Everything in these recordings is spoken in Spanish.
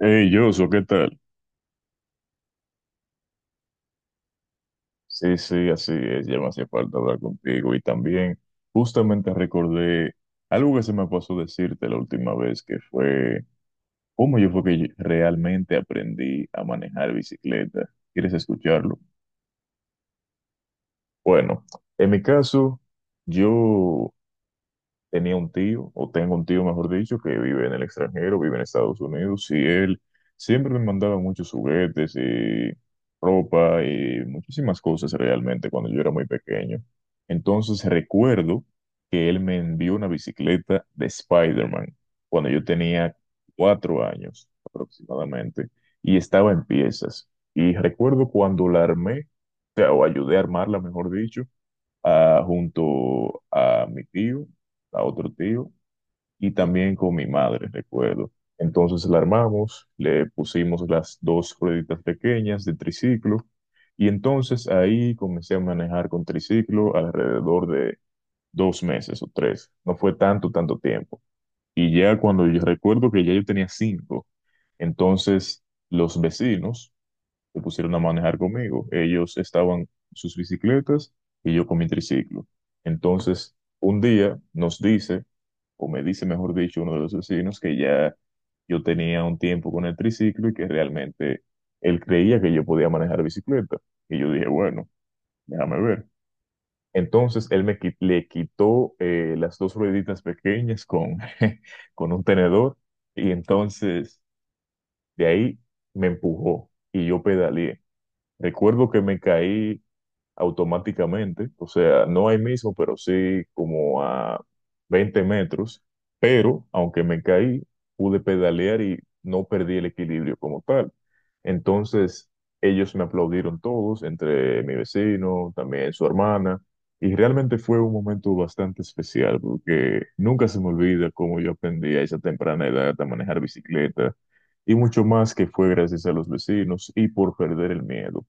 Hey, Joshua, ¿qué tal? Sí, sí, así es, ya me hacía falta hablar contigo y también justamente recordé algo que se me pasó decirte la última vez, que fue cómo yo fue que yo realmente aprendí a manejar bicicleta. ¿Quieres escucharlo? Bueno, en mi caso, yo tenía un tío, o tengo un tío, mejor dicho, que vive en el extranjero, vive en Estados Unidos, y él siempre me mandaba muchos juguetes y ropa y muchísimas cosas realmente cuando yo era muy pequeño. Entonces recuerdo que él me envió una bicicleta de Spider-Man cuando yo tenía 4 años aproximadamente y estaba en piezas. Y recuerdo cuando la armé, o sea, o ayudé a armarla, mejor dicho, junto a mi tío, a otro tío, y también con mi madre, recuerdo. Entonces la armamos, le pusimos las dos rueditas pequeñas de triciclo y entonces ahí comencé a manejar con triciclo alrededor de 2 meses o 3. No fue tanto, tanto tiempo. Y ya cuando yo recuerdo que ya yo tenía 5, entonces los vecinos se pusieron a manejar conmigo. Ellos estaban en sus bicicletas y yo con mi triciclo. Entonces, un día nos dice, o me dice, mejor dicho, uno de los vecinos que ya yo tenía un tiempo con el triciclo y que realmente él creía que yo podía manejar bicicleta. Y yo dije, bueno, déjame ver. Entonces, él le quitó las dos rueditas pequeñas con con un tenedor y entonces de ahí me empujó y yo pedaleé. Recuerdo que me caí automáticamente, o sea, no ahí mismo, pero sí como a 20 metros, pero aunque me caí, pude pedalear y no perdí el equilibrio como tal. Entonces, ellos me aplaudieron todos, entre mi vecino, también su hermana, y realmente fue un momento bastante especial porque nunca se me olvida cómo yo aprendí a esa temprana edad a manejar bicicleta. Y mucho más que fue gracias a los vecinos y por perder el miedo.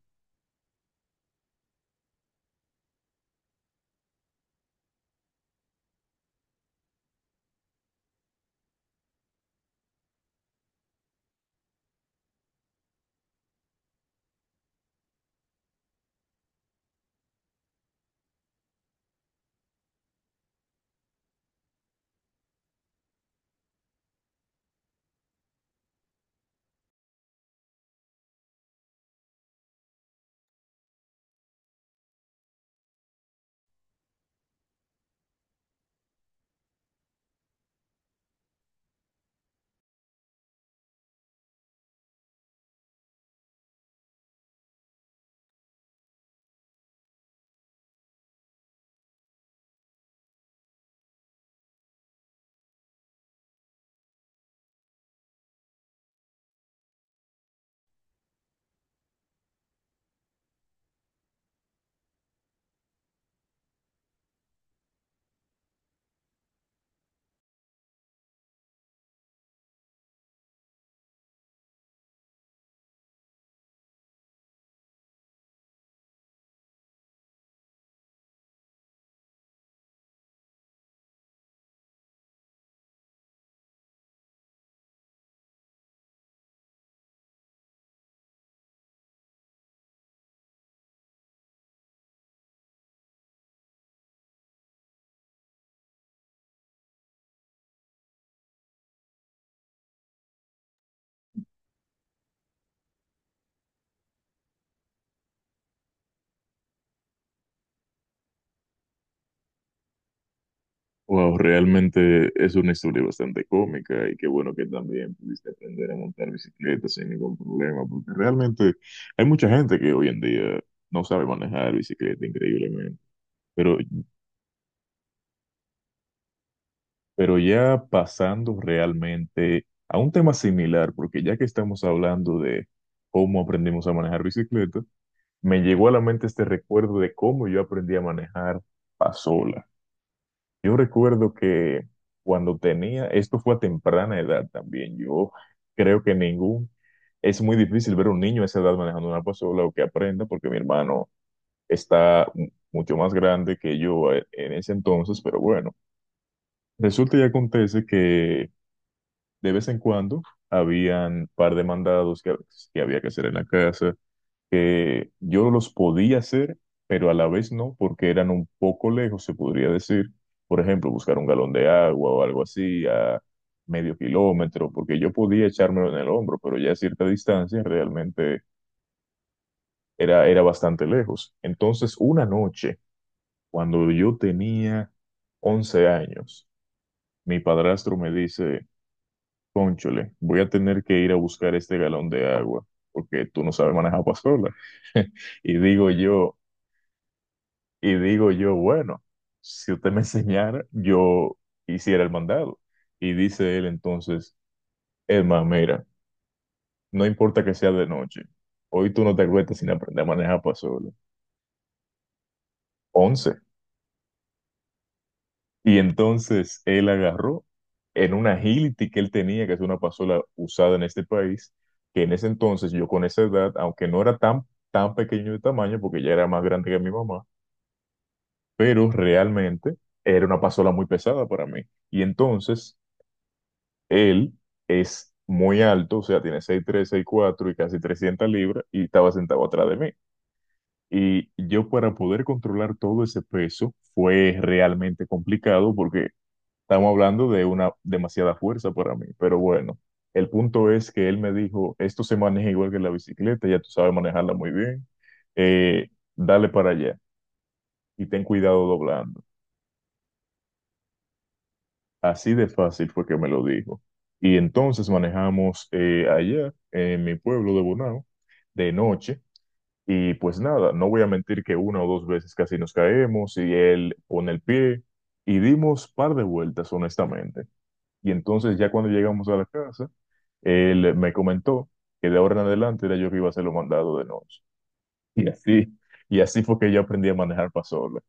Wow, realmente es una historia bastante cómica y qué bueno que también pudiste aprender a montar bicicleta sin ningún problema, porque realmente hay mucha gente que hoy en día no sabe manejar bicicleta increíblemente, pero, pero ya pasando realmente a un tema similar, porque ya que estamos hablando de cómo aprendimos a manejar bicicleta, me llegó a la mente este recuerdo de cómo yo aprendí a manejar pasola. Yo recuerdo que cuando tenía, esto fue a temprana edad también, yo creo que ningún, es muy difícil ver a un niño a esa edad manejando una pasola o que aprenda, porque mi hermano está mucho más grande que yo en ese entonces, pero bueno, resulta y acontece que de vez en cuando habían par de mandados que había que hacer en la casa que yo los podía hacer, pero a la vez no, porque eran un poco lejos, se podría decir. Por ejemplo, buscar un galón de agua o algo así a medio kilómetro, porque yo podía echármelo en el hombro, pero ya a cierta distancia realmente era, era bastante lejos. Entonces, una noche, cuando yo tenía 11 años, mi padrastro me dice: "Cónchole, voy a tener que ir a buscar este galón de agua, porque tú no sabes manejar pasola". Y digo yo, Y digo yo, bueno, si usted me enseñara, yo hiciera el mandado. Y dice él entonces: "Emma, mira, no importa que sea de noche, hoy tú no te acuestas sin aprender a manejar para solo". 11. Y entonces él agarró en una Agility que él tenía, que es una pasola usada en este país, que en ese entonces yo con esa edad, aunque no era tan, tan pequeño de tamaño, porque ya era más grande que mi mamá, pero realmente era una pasola muy pesada para mí. Y entonces él es muy alto, o sea, tiene seis tres, seis cuatro y casi 300 libras y estaba sentado atrás de mí. Y yo para poder controlar todo ese peso fue realmente complicado porque estamos hablando de una demasiada fuerza para mí. Pero bueno, el punto es que él me dijo, esto se maneja igual que la bicicleta, ya tú sabes manejarla muy bien, eh, dale para allá y ten cuidado doblando. Así de fácil fue que me lo dijo. Y entonces manejamos allá, en mi pueblo de Bonao, de noche. Y pues nada, no voy a mentir que una o dos veces casi nos caemos y él pone el pie y dimos par de vueltas, honestamente. Y entonces ya cuando llegamos a la casa, él me comentó que de ahora en adelante era yo que iba a hacer lo mandado de noche. Y así, y así fue que yo aprendí a manejar para solo.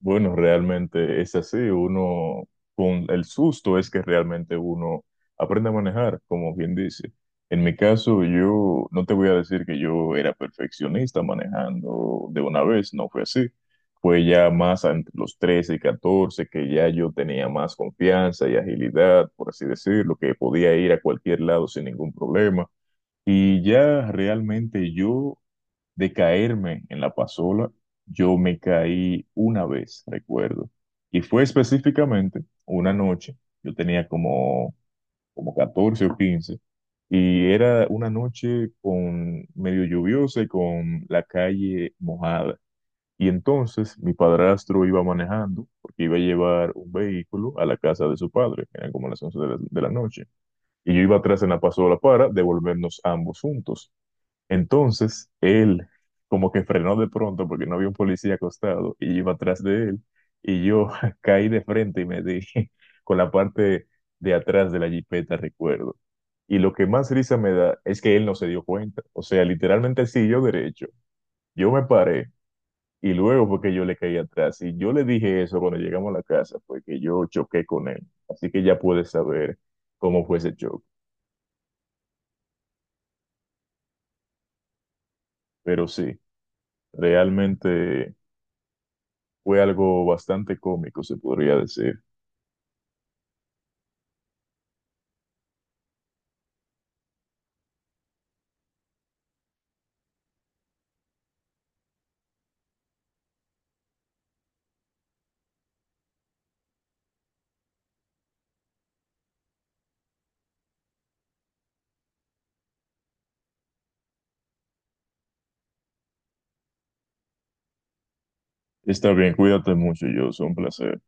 Bueno, realmente es así. Uno, con el susto es que realmente uno aprende a manejar, como bien dice. En mi caso, yo no te voy a decir que yo era perfeccionista manejando de una vez, no fue así. Fue ya más entre los 13 y 14 que ya yo tenía más confianza y agilidad, por así decirlo, que podía ir a cualquier lado sin ningún problema. Y ya realmente yo de caerme en la pasola, yo me caí una vez, recuerdo. Y fue específicamente una noche, yo tenía como, como 14 o 15 y era una noche con medio lluviosa y con la calle mojada. Y entonces mi padrastro iba manejando porque iba a llevar un vehículo a la casa de su padre, que eran como las 11 de la, noche. Y yo iba atrás en la pasola para devolvernos ambos juntos. Entonces, él como que frenó de pronto porque no había un policía acostado y iba atrás de él y yo caí de frente y me di con la parte de atrás de la jipeta, recuerdo. Y lo que más risa me da es que él no se dio cuenta. O sea, literalmente él siguió derecho. Yo me paré y luego fue que yo le caí atrás. Y yo le dije eso cuando llegamos a la casa, fue que yo choqué con él. Así que ya puedes saber cómo fue ese choque. Pero sí, realmente... fue algo bastante cómico, se podría decir. Está bien, cuídate mucho, yo, un placer.